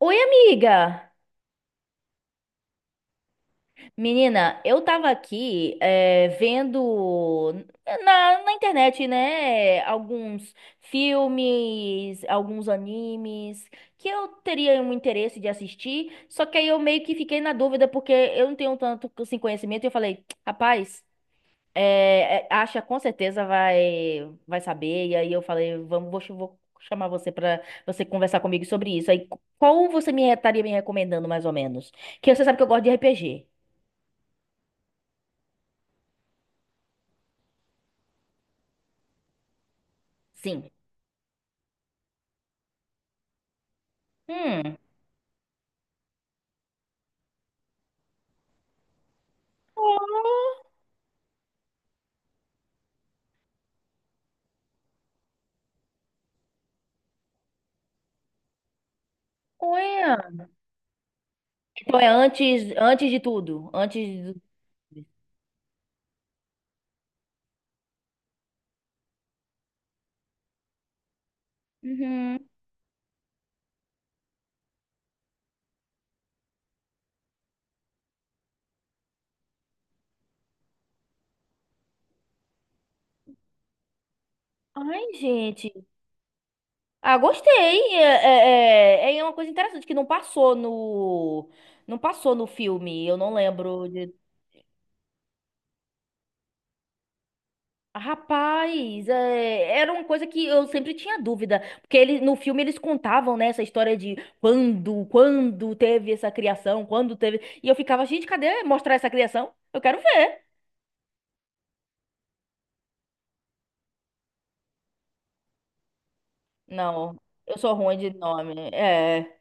Oi, amiga! Menina, eu tava aqui vendo na internet, né, alguns filmes, alguns animes que eu teria um interesse de assistir, só que aí eu meio que fiquei na dúvida porque eu não tenho tanto assim, conhecimento e eu falei, rapaz, acha com certeza vai saber. E aí eu falei, vamos, vou chamar você pra você conversar comigo sobre isso. Aí qual você me estaria me recomendando mais ou menos? Que você sabe que eu gosto de RPG. Sim. Hum. Olha. Então é antes de tudo, Uhum. Ai, gente. Ah, gostei. É é uma coisa interessante que não passou no filme. Eu não lembro. Rapaz, é, era uma coisa que eu sempre tinha dúvida, porque ele, no filme eles contavam, né, essa história de quando teve essa criação, quando teve, e eu ficava, gente, cadê mostrar essa criação? Eu quero ver. Não, eu sou ruim de nome. É.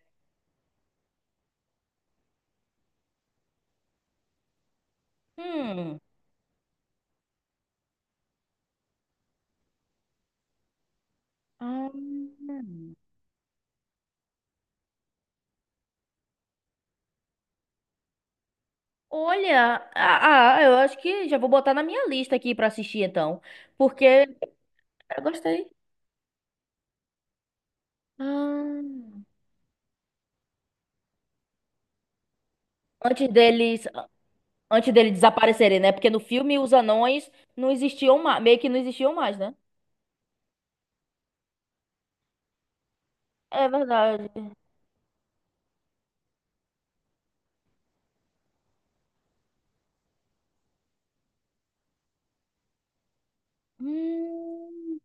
Hum. Ah, Olha, eu acho que já vou botar na minha lista aqui pra assistir então, porque eu gostei. Ah. Antes deles, Antes dele desaparecerem, né? Porque no filme os anões não existiam mais, meio que não existiam mais, né? É verdade. Hum.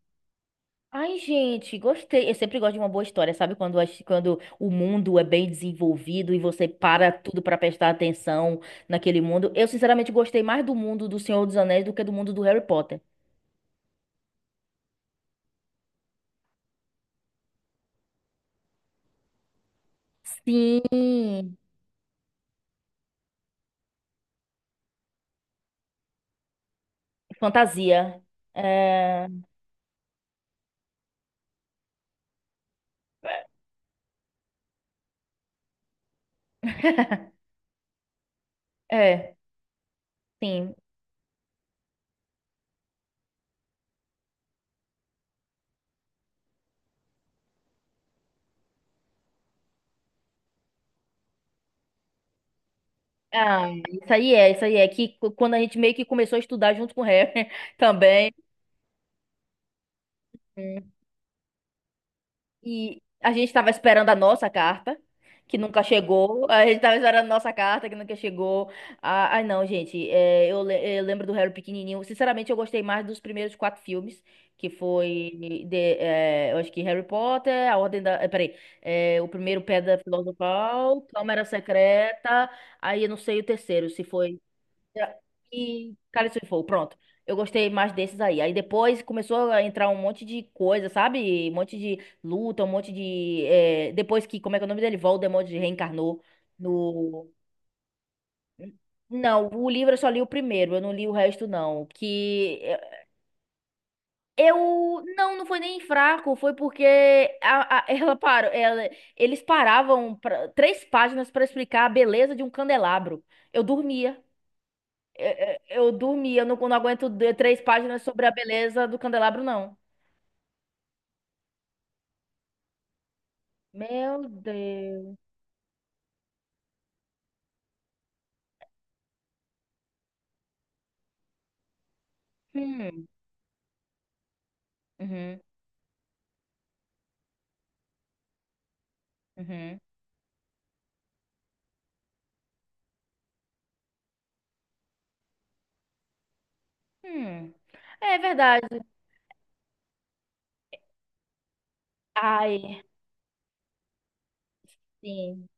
Ai, gente, gostei. Eu sempre gosto de uma boa história, sabe? Quando o mundo é bem desenvolvido e você para tudo pra prestar atenção naquele mundo. Eu, sinceramente, gostei mais do mundo do Senhor dos Anéis do que do mundo do Harry Potter. Sim, fantasia. É, é, sim. Ah, isso aí é quando a gente meio que começou a estudar junto com o Harry também, e a gente tava esperando a nossa carta, que nunca chegou, a gente tava esperando a nossa carta, que nunca chegou. Ah, ai não, gente, eu lembro do Harry pequenininho, sinceramente eu gostei mais dos primeiros quatro filmes, que foi, de, é, eu acho que Harry Potter, a Ordem da... é, Peraí, é, o primeiro Pedra Filosofal, Câmara Secreta, aí eu não sei o terceiro, se foi... E Cálice de Fogo, pronto. Eu gostei mais desses aí. Aí depois começou a entrar um monte de coisa, sabe? Um monte de luta, um monte de. Depois que, como é que é o nome dele? Voldemort reencarnou no. Não, o livro eu só li o primeiro, eu não li o resto, não. Que eu. Não, não foi nem fraco, foi porque ela parou. Ela, eles três páginas pra explicar a beleza de um candelabro. Eu dormia. Eu, eu dormi, eu não, não três páginas sobre a beleza do candelabro, não. Meu Deus. Hum, uhum, uhum, hum. É verdade. Ai, sim.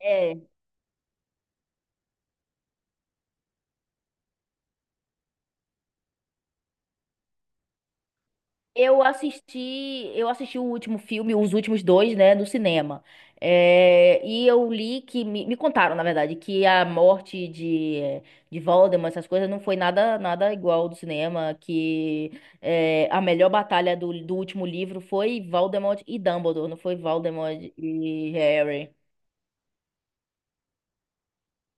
é. Eu assisti o último filme, os últimos dois, né, no cinema. É, e eu li que me contaram, na verdade, que a morte de Voldemort, essas coisas, não foi nada nada igual do cinema, que é, a melhor batalha do último livro foi Voldemort e Dumbledore, não foi Voldemort e Harry.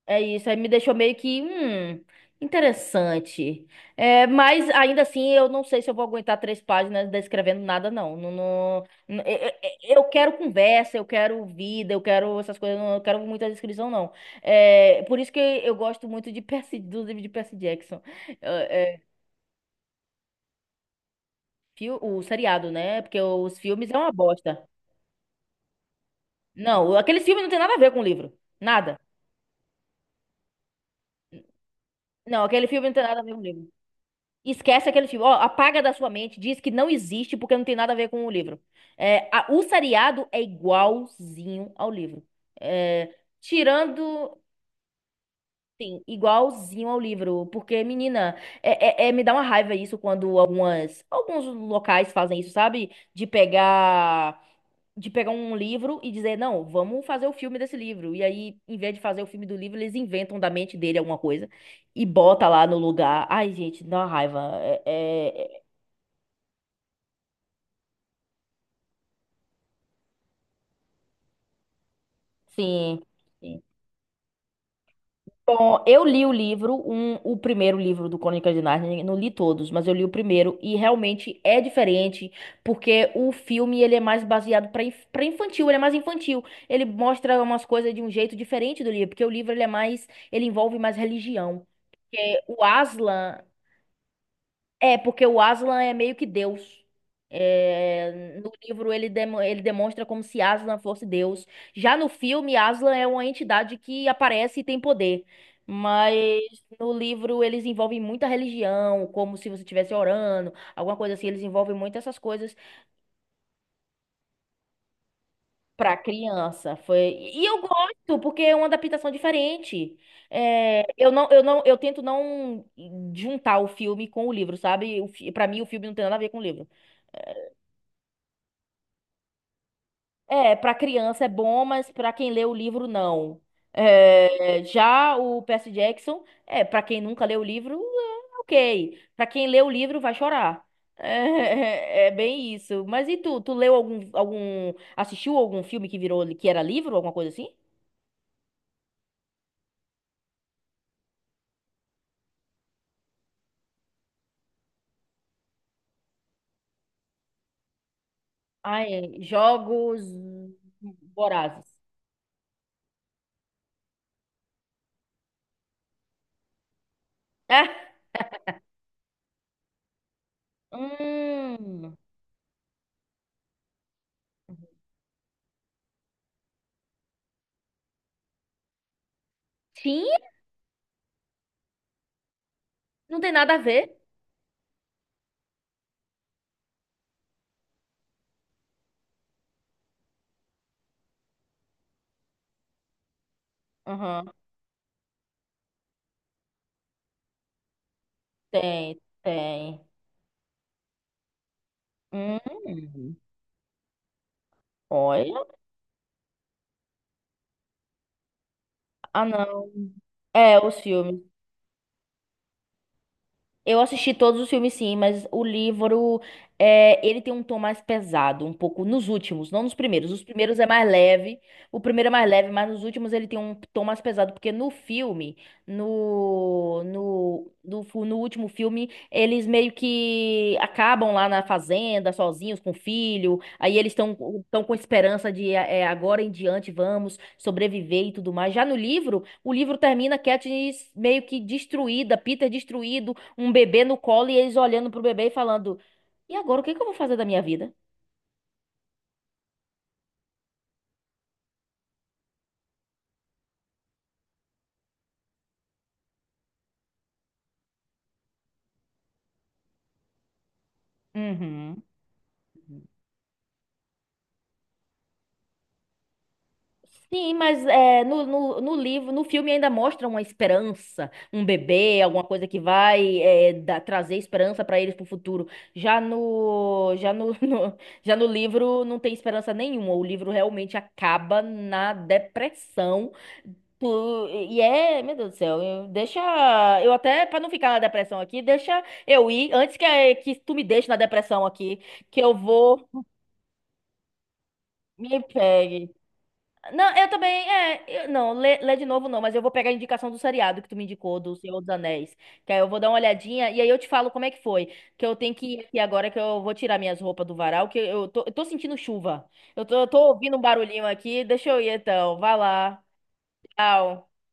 É isso, aí me deixou meio que, interessante. É, mas ainda assim, eu não sei se eu vou aguentar três páginas descrevendo nada, não. Não, eu quero conversa, eu quero vida, eu quero essas coisas, não, eu quero muita descrição, não. É, por isso que eu gosto muito de Percy, do livro de Percy Jackson. É, é, o seriado, né? Porque os filmes é uma bosta. Não, aqueles filmes não tem nada a ver com o livro. Nada. Não, aquele filme não tem nada a ver com o livro. Esquece aquele filme. Ó, apaga da sua mente, diz que não existe porque não tem nada a ver com o livro. É, o seriado é igualzinho ao livro. É, tirando, sim, igualzinho ao livro. Porque, menina, me dá uma raiva isso quando algumas, alguns locais fazem isso, sabe? De pegar um livro e dizer, não, vamos fazer o filme desse livro. E aí, em vez de fazer o filme do livro, eles inventam da mente dele alguma coisa e bota lá no lugar. Ai, gente, dá uma raiva. É, é, Sim. sim. Bom, eu li o livro, um, o primeiro livro do Crônicas de Nárnia, não li todos, mas eu li o primeiro e realmente é diferente, porque o filme ele é mais baseado para infantil, ele é mais infantil. Ele mostra umas coisas de um jeito diferente do livro, porque o livro ele é mais, ele envolve mais religião. Porque o Aslan é, porque o Aslan é meio que Deus. É, no livro ele, ele demonstra como se Aslan fosse Deus. Já no filme, Aslan é uma entidade que aparece e tem poder. Mas no livro eles envolvem muita religião, como se você estivesse orando, alguma coisa assim. Eles envolvem muito essas coisas pra criança. Foi... E eu gosto, porque é uma adaptação diferente. É, eu tento não juntar o filme com o livro, sabe? Pra mim, o filme não tem nada a ver com o livro. É, para criança é bom, mas para quem lê o livro, não. É, já o Percy Jackson, é, para quem nunca leu o livro, é ok. Para quem lê o livro, vai chorar. É, é é bem isso. Mas e tu? Tu leu algum, algum, assistiu algum filme que virou, que era livro, alguma coisa assim? Ai, Jogos Vorazes. É? Hum. Tinha? Não tem nada a ver. Aham, Tem, tem. Hum. Olha. Ah, não. É, o filmes. Eu assisti todos os filmes, sim, mas o livro, é, ele tem um tom mais pesado, um pouco nos últimos, não nos primeiros. Os primeiros é mais leve, o primeiro é mais leve, mas nos últimos ele tem um tom mais pesado, porque no filme, no último filme, eles meio que acabam lá na fazenda, sozinhos, com o filho, aí eles estão com esperança de é, é, agora em diante vamos sobreviver e tudo mais. Já no livro, o livro termina Katniss meio que destruída, Peter destruído, um bebê no colo e eles olhando pro bebê e falando: E agora, o que que eu vou fazer da minha vida? Uhum. Sim, mas é, no livro, no filme ainda mostra uma esperança, um bebê, alguma coisa que vai é, dar- trazer esperança para eles pro futuro. Já no, já no livro não tem esperança nenhuma. O livro realmente acaba na depressão. E é, meu Deus do céu, deixa eu até para não ficar na depressão aqui, deixa eu ir antes que tu me deixe na depressão aqui, que eu vou me pegue. Não, eu também, não, lê de novo não, mas eu vou pegar a indicação do seriado que tu me indicou, do Senhor dos Anéis, que aí eu vou dar uma olhadinha e aí eu te falo como é que foi, que eu tenho que ir aqui agora que eu vou tirar minhas roupas do varal, que eu tô sentindo chuva, eu tô ouvindo um barulhinho aqui, deixa eu ir então, vai lá, tchau.